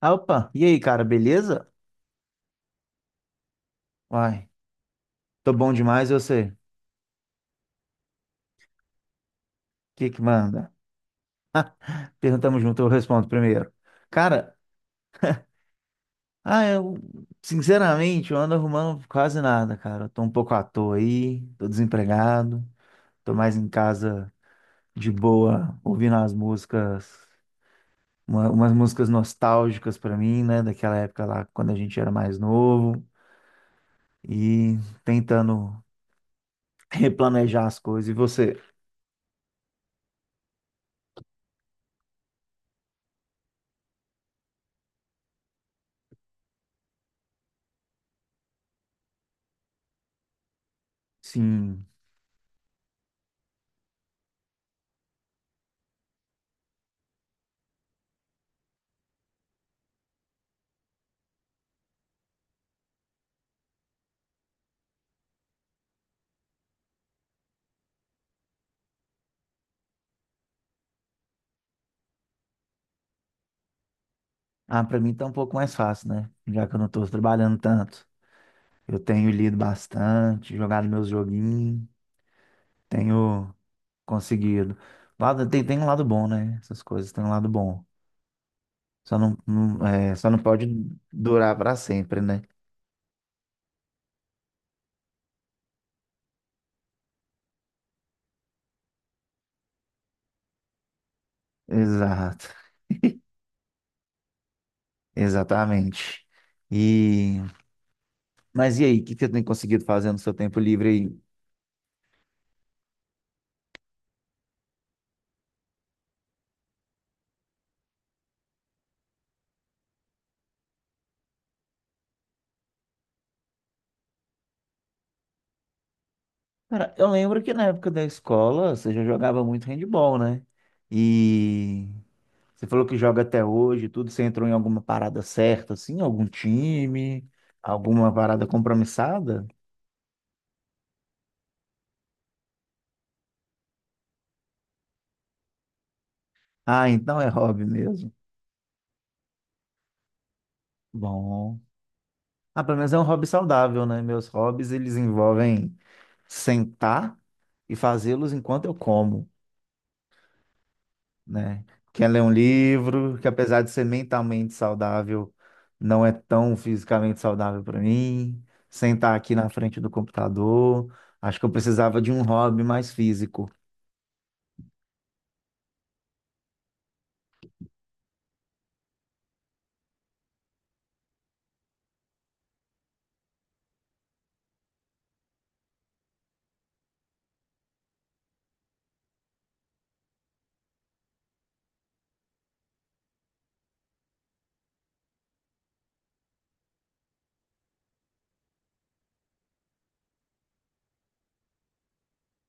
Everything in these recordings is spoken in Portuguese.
Ah, opa, e aí, cara, beleza? Uai, tô bom demais, e você? O que que manda? Perguntamos junto, eu respondo primeiro. Cara, ah, eu, sinceramente, eu ando arrumando quase nada, cara. Eu tô um pouco à toa aí, tô desempregado, tô mais em casa de boa, ouvindo as músicas, umas músicas nostálgicas pra mim, né, daquela época lá, quando a gente era mais novo, e tentando replanejar as coisas. E você? Sim. Ah, para mim tá um pouco mais fácil, né? Já que eu não tô trabalhando tanto. Eu tenho lido bastante, jogado meus joguinhos, tenho conseguido. Lado, tem um lado bom, né? Essas coisas têm um lado bom. Só não pode durar para sempre, né? Exato, exatamente. E, mas e aí, o que que você tem conseguido fazer no seu tempo livre aí? Cara, eu lembro que na época da escola você já jogava muito handball, né? E você falou que joga até hoje, tudo. Você entrou em alguma parada certa, assim? Algum time? Alguma parada compromissada? Ah, então é hobby mesmo. Bom. Ah, pelo menos é um hobby saudável, né? Meus hobbies, eles envolvem sentar e fazê-los enquanto eu como, né? Quer ler um livro, que apesar de ser mentalmente saudável, não é tão fisicamente saudável para mim. Sentar aqui na frente do computador. Acho que eu precisava de um hobby mais físico.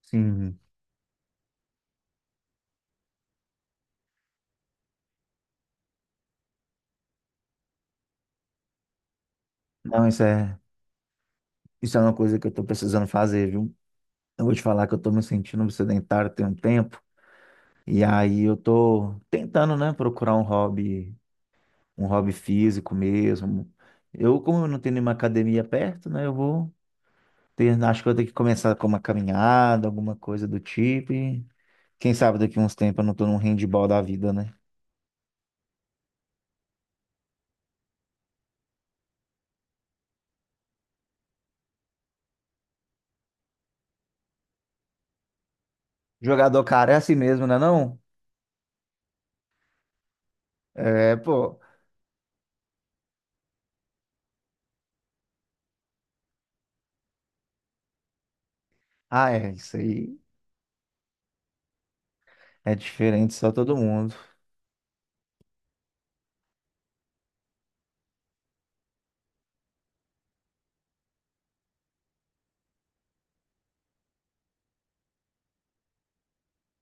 Sim. Não, isso é uma coisa que eu tô precisando fazer, viu? Eu vou te falar que eu tô me sentindo um sedentário tem um tempo, e aí eu tô tentando, né, procurar um hobby físico mesmo. Eu, como eu não tenho nenhuma academia perto, né, acho que eu vou ter que começar com uma caminhada, alguma coisa do tipo, e quem sabe daqui uns tempos eu não tô num handball da vida, né? Jogador cara é assim mesmo, né, não? É, pô. Ah, é, isso aí é diferente só todo mundo.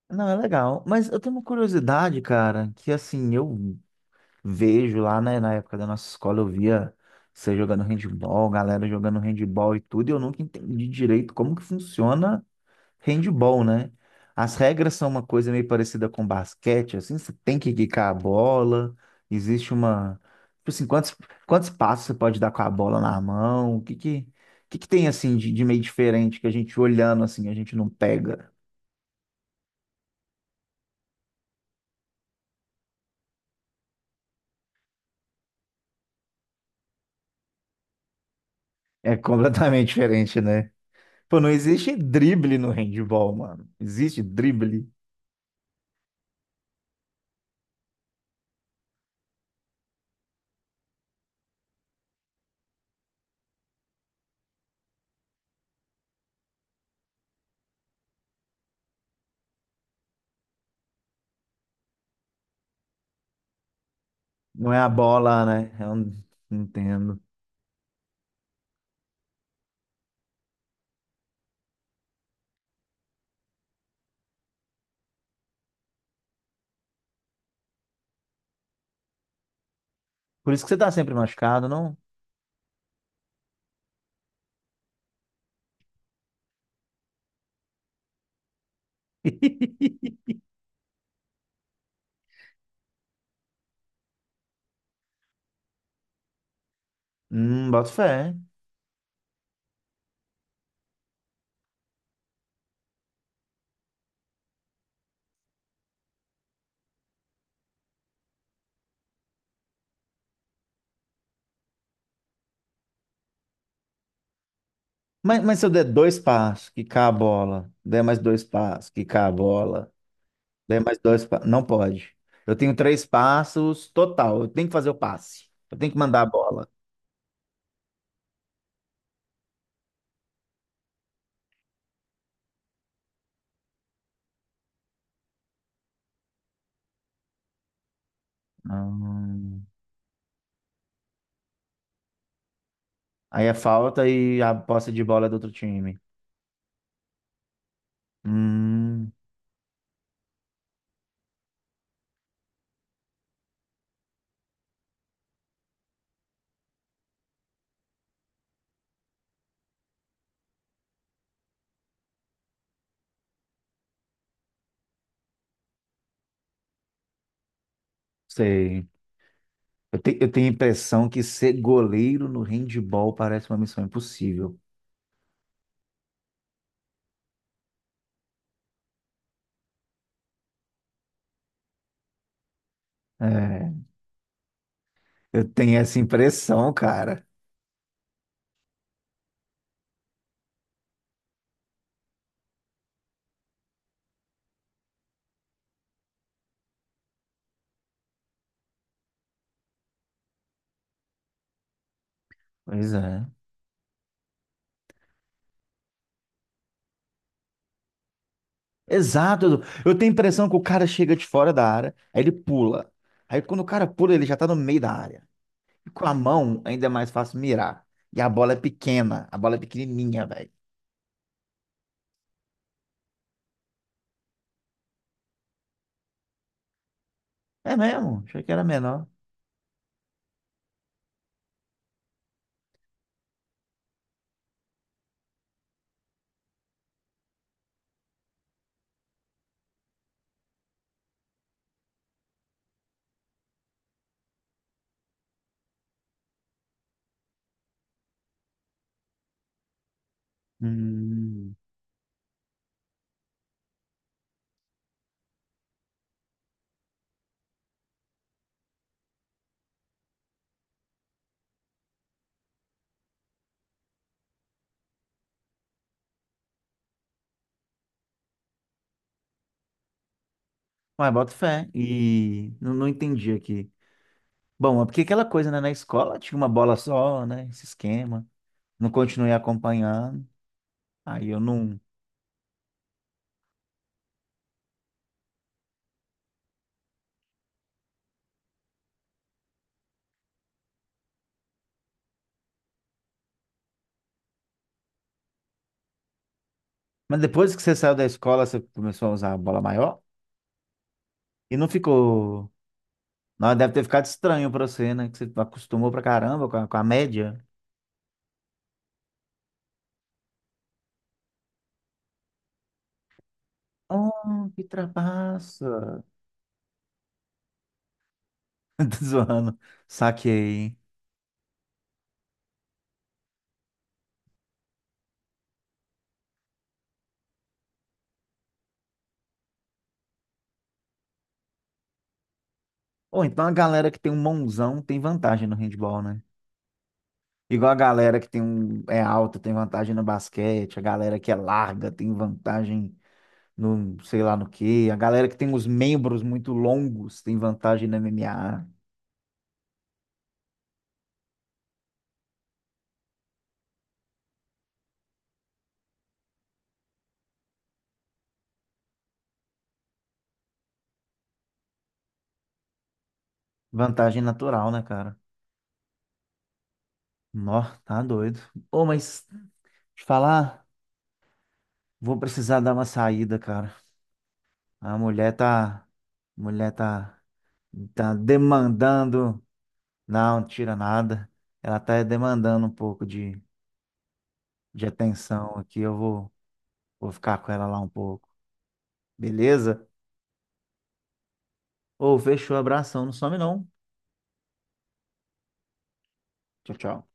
Não, é legal. Mas eu tenho uma curiosidade, cara, que assim, eu vejo lá, né, na época da nossa escola, eu via você jogando handball, galera jogando handball e tudo, e eu nunca entendi direito como que funciona handball, né? As regras são uma coisa meio parecida com basquete, assim, você tem que quicar a bola, existe uma. Tipo assim, quantos, quantos passos você pode dar com a bola na mão? O que que tem, assim, de meio diferente que a gente olhando, assim, a gente não pega? É completamente diferente, né? Pô, não existe drible no handball, mano. Existe drible. Não é a bola, né? Eu não entendo. Por isso que você tá sempre machucado, não? Boto fé. Mas se eu der dois passos, quicar a bola, der mais dois passos, quicar a bola, der mais dois passos. Não pode. Eu tenho três passos total. Eu tenho que fazer o passe. Eu tenho que mandar a bola. Hum, aí é falta e a posse de bola é do outro time. Hum, sei. Eu tenho a impressão que ser goleiro no handball parece uma missão impossível. É, eu tenho essa impressão, cara. Pois é. Exato. Edu. Eu tenho a impressão que o cara chega de fora da área, aí ele pula. Aí quando o cara pula, ele já tá no meio da área. E com a mão ainda é mais fácil mirar. E a bola é pequena, a bola é pequenininha, velho. É mesmo? Achei que era menor. Hum. Mas bota fé. E não, não entendi aqui. Bom, é porque aquela coisa, né? Na escola tinha uma bola só, né? Esse esquema. Não continuei acompanhando, aí eu não. Mas depois que você saiu da escola, você começou a usar a bola maior e não ficou. Não, deve ter ficado estranho pra você, né? Que você acostumou pra caramba com a média. Oh, que trapaça! Tô zoando. Saquei. Ou então a galera que tem um mãozão tem vantagem no handball, né? Igual a galera que tem um é alta tem vantagem no basquete, a galera que é larga tem vantagem no sei lá no quê. A galera que tem os membros muito longos tem vantagem na MMA. Vantagem natural, né, cara? Nó, tá doido. Ô, mas te falar, vou precisar dar uma saída, cara. A mulher tá. A mulher tá. Tá demandando. Não, não tira nada. Ela tá demandando um pouco de atenção aqui. Eu vou, vou ficar com ela lá um pouco. Beleza? Ô, fechou, abração. Não some não. Tchau, tchau.